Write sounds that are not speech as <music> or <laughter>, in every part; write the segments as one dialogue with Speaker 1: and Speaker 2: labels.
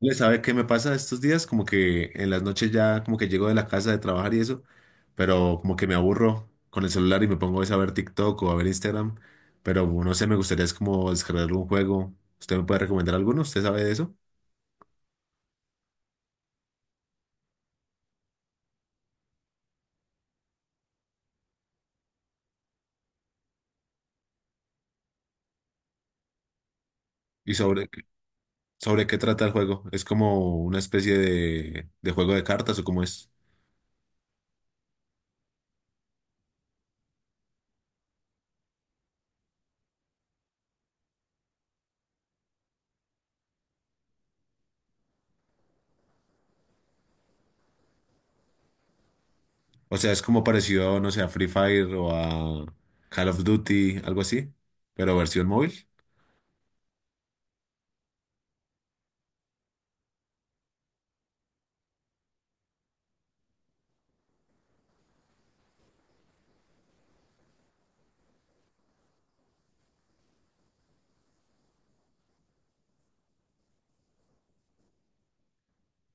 Speaker 1: Le sabe qué me pasa estos días, como que en las noches ya como que llego de la casa de trabajar y eso, pero como que me aburro con el celular y me pongo es a ver TikTok o a ver Instagram, pero no sé, me gustaría es como descargar un juego. ¿Usted me puede recomendar alguno? ¿Usted sabe de eso? ¿Y sobre qué trata el juego? ¿Es como una especie de juego de cartas o cómo es? O sea, es como parecido, no sé, a Free Fire o a Call of Duty, algo así, pero versión móvil.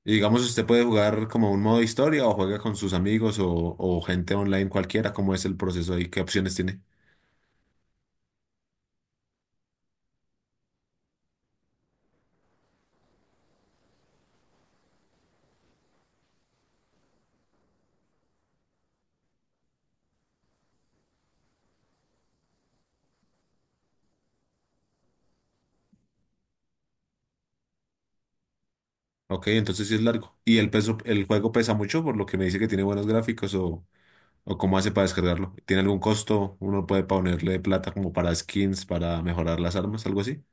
Speaker 1: Y digamos, usted puede jugar como un modo historia o juega con sus amigos o gente online cualquiera, ¿cómo es el proceso ahí? ¿Qué opciones tiene? Ok, entonces sí es largo. ¿Y el peso, el juego pesa mucho por lo que me dice que tiene buenos gráficos o cómo hace para descargarlo? ¿Tiene algún costo? ¿Uno puede ponerle plata como para skins, para mejorar las armas, algo así?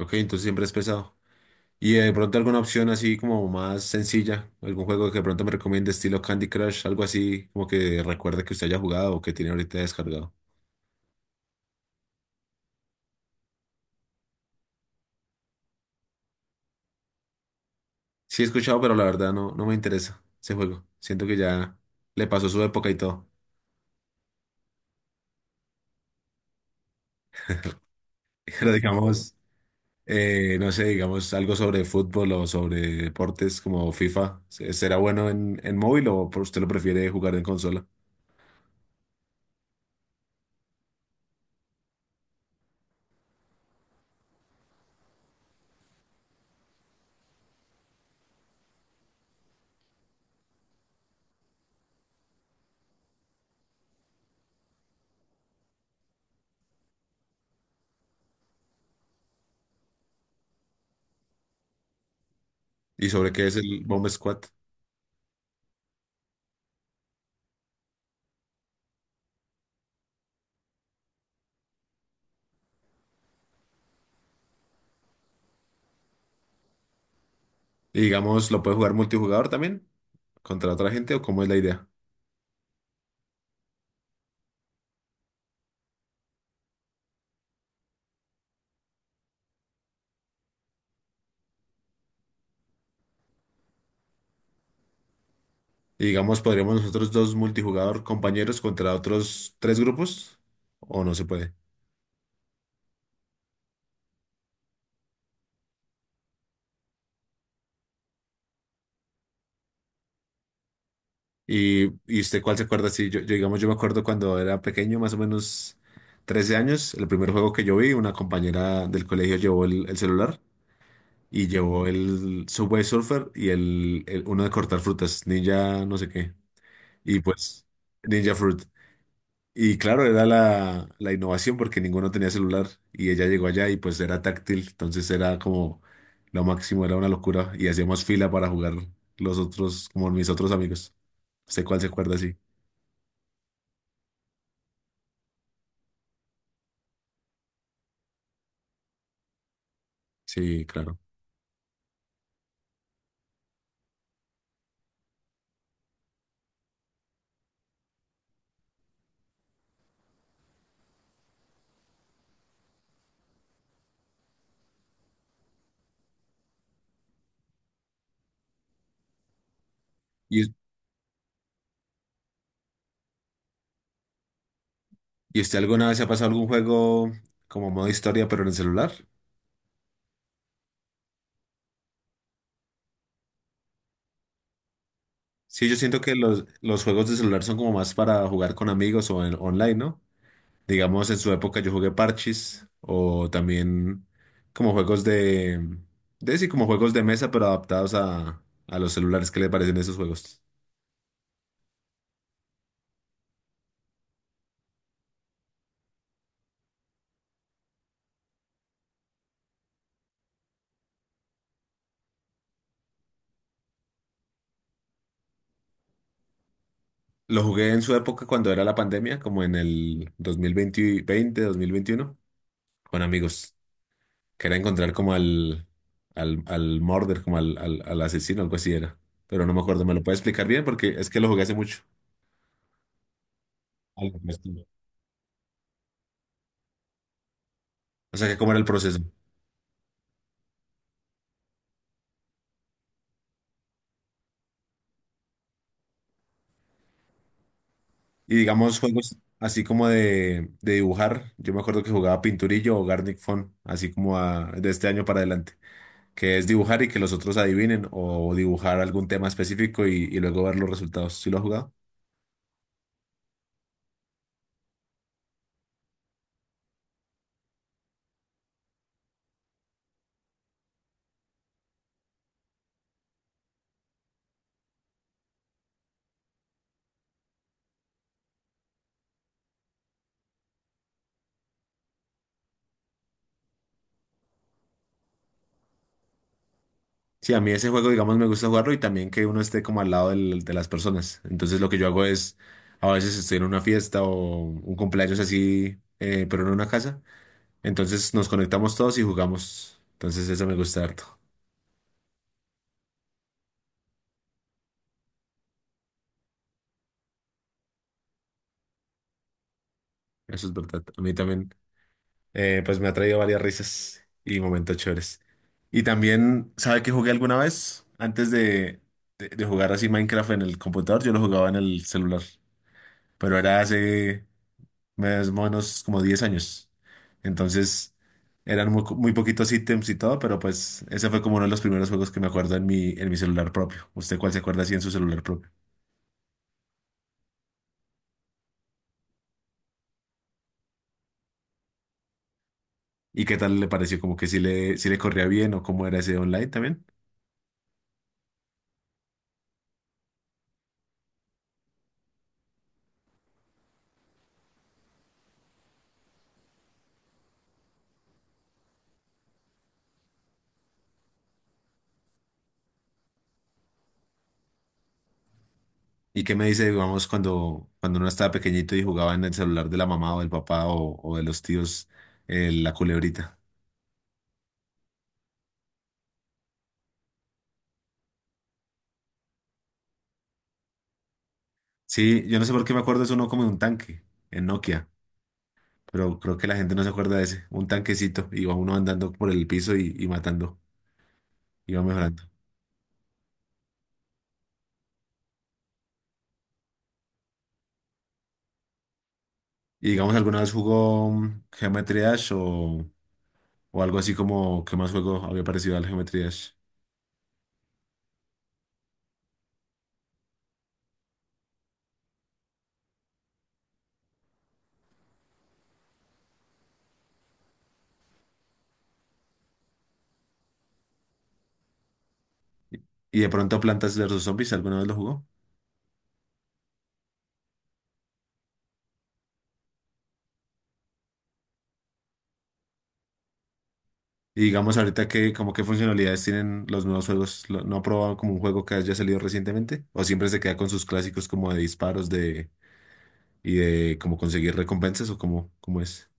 Speaker 1: Ok, entonces siempre es pesado. ¿Y de pronto alguna opción así como más sencilla? ¿Algún juego que de pronto me recomiende estilo Candy Crush? Algo así como que recuerde que usted haya jugado o que tiene ahorita descargado. Sí he escuchado, pero la verdad no, no me interesa ese juego. Siento que ya le pasó su época y todo. <laughs> Pero digamos, no sé, digamos algo sobre fútbol o sobre deportes como FIFA. ¿Será bueno en móvil o usted lo prefiere jugar en consola? ¿Y sobre qué es el Bomb Squad? Y digamos, ¿lo puede jugar multijugador también? ¿Contra otra gente o cómo es la idea? Y digamos, ¿podríamos nosotros dos multijugador compañeros contra otros tres grupos? ¿O no se puede? Y usted cuál se acuerda, sí, digamos, yo me acuerdo cuando era pequeño, más o menos 13 años, el primer juego que yo vi, una compañera del colegio llevó el celular y llevó el Subway Surfer y uno de cortar frutas, Ninja no sé qué, y pues Ninja Fruit. Y claro, era la innovación porque ninguno tenía celular y ella llegó allá y pues era táctil, entonces era como lo máximo, era una locura y hacíamos fila para jugar los otros, como mis otros amigos. ¿Sé cuál se acuerda? Sí, claro. ¿Y, y usted alguna vez se ha pasado algún juego como modo historia, pero en el celular? Sí, yo siento que los juegos de celular son como más para jugar con amigos o online, ¿no? Digamos, en su época yo jugué Parchís o también como juegos de sí, como juegos de mesa, pero adaptados a los celulares. ¿Qué le parecen esos juegos? Lo jugué en su época cuando era la pandemia, como en el 2020, 2021, con amigos. Quería encontrar como al, murder, como al, asesino, algo así era. Pero no me acuerdo, ¿me lo puede explicar bien? Porque es que lo jugué hace mucho. Algo por el estilo. O sea, que cómo era el proceso. Y digamos, juegos así como de dibujar. Yo me acuerdo que jugaba Pinturillo o Garnic Phone, así como de este año para adelante. Que es dibujar y que los otros adivinen o dibujar algún tema específico y luego ver los resultados. ¿Sí lo has jugado? Sí, a mí ese juego, digamos, me gusta jugarlo y también que uno esté como al lado de las personas. Entonces lo que yo hago es, a veces estoy en una fiesta o un cumpleaños así, pero no en una casa. Entonces nos conectamos todos y jugamos. Entonces eso me gusta harto. Eso es verdad. A mí también, pues me ha traído varias risas y momentos chéveres. Y también, ¿sabe que jugué alguna vez? Antes de jugar así Minecraft en el computador, yo lo jugaba en el celular. Pero era hace más o menos como 10 años. Entonces, eran muy, muy poquitos ítems y todo, pero pues ese fue como uno de los primeros juegos que me acuerdo en mi celular propio. ¿Usted cuál se acuerda así en su celular propio? ¿Y qué tal le pareció? ¿Como que si le, si le corría bien o cómo era ese online también? ¿Y qué me dice, digamos, cuando uno estaba pequeñito y jugaba en el celular de la mamá o del papá o de los tíos, la culebrita? Sí, yo no sé por qué me acuerdo, es uno como de un tanque en Nokia. Pero creo que la gente no se acuerda de ese. Un tanquecito, iba uno andando por el piso y matando, iba mejorando. Y digamos, ¿alguna vez jugó Geometry Dash o algo así como qué más juego había parecido al Geometry Dash? Y de pronto Plantas versus Zombies, ¿alguna vez lo jugó? Y digamos ahorita que como qué funcionalidades tienen los nuevos juegos, ¿no ha probado como un juego que haya salido recientemente? ¿O siempre se queda con sus clásicos como de disparos de y de como conseguir recompensas o como cómo es?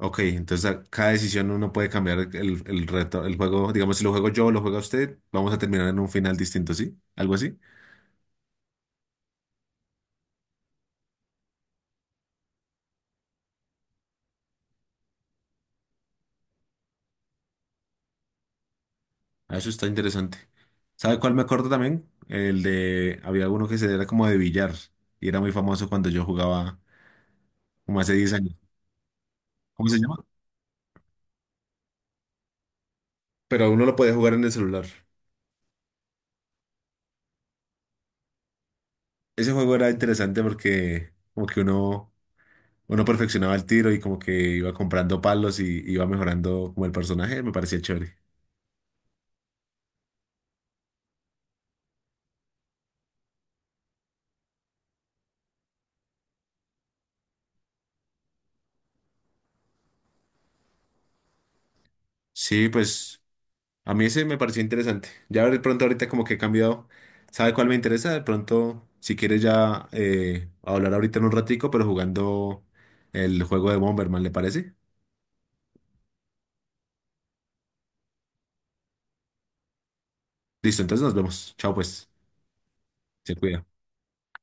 Speaker 1: Ok, entonces a cada decisión uno puede cambiar el reto, el juego. Digamos, si lo juego yo o lo juega usted, vamos a terminar en un final distinto, ¿sí? Algo así. Ah, eso está interesante. ¿Sabe cuál me acuerdo también? El de, había uno que se era como de billar y era muy famoso cuando yo jugaba como hace 10 años. ¿Cómo se llama? Pero uno lo podía jugar en el celular. Ese juego era interesante porque como que uno perfeccionaba el tiro y como que iba comprando palos y iba mejorando como el personaje, me parecía chévere. Sí, pues. A mí ese me pareció interesante. Ya de pronto ahorita como que he cambiado. ¿Sabe cuál me interesa? De pronto, si quieres ya hablar ahorita en un ratico, pero jugando el juego de Bomberman, ¿le parece? Listo, entonces nos vemos. Chao pues. Se cuida.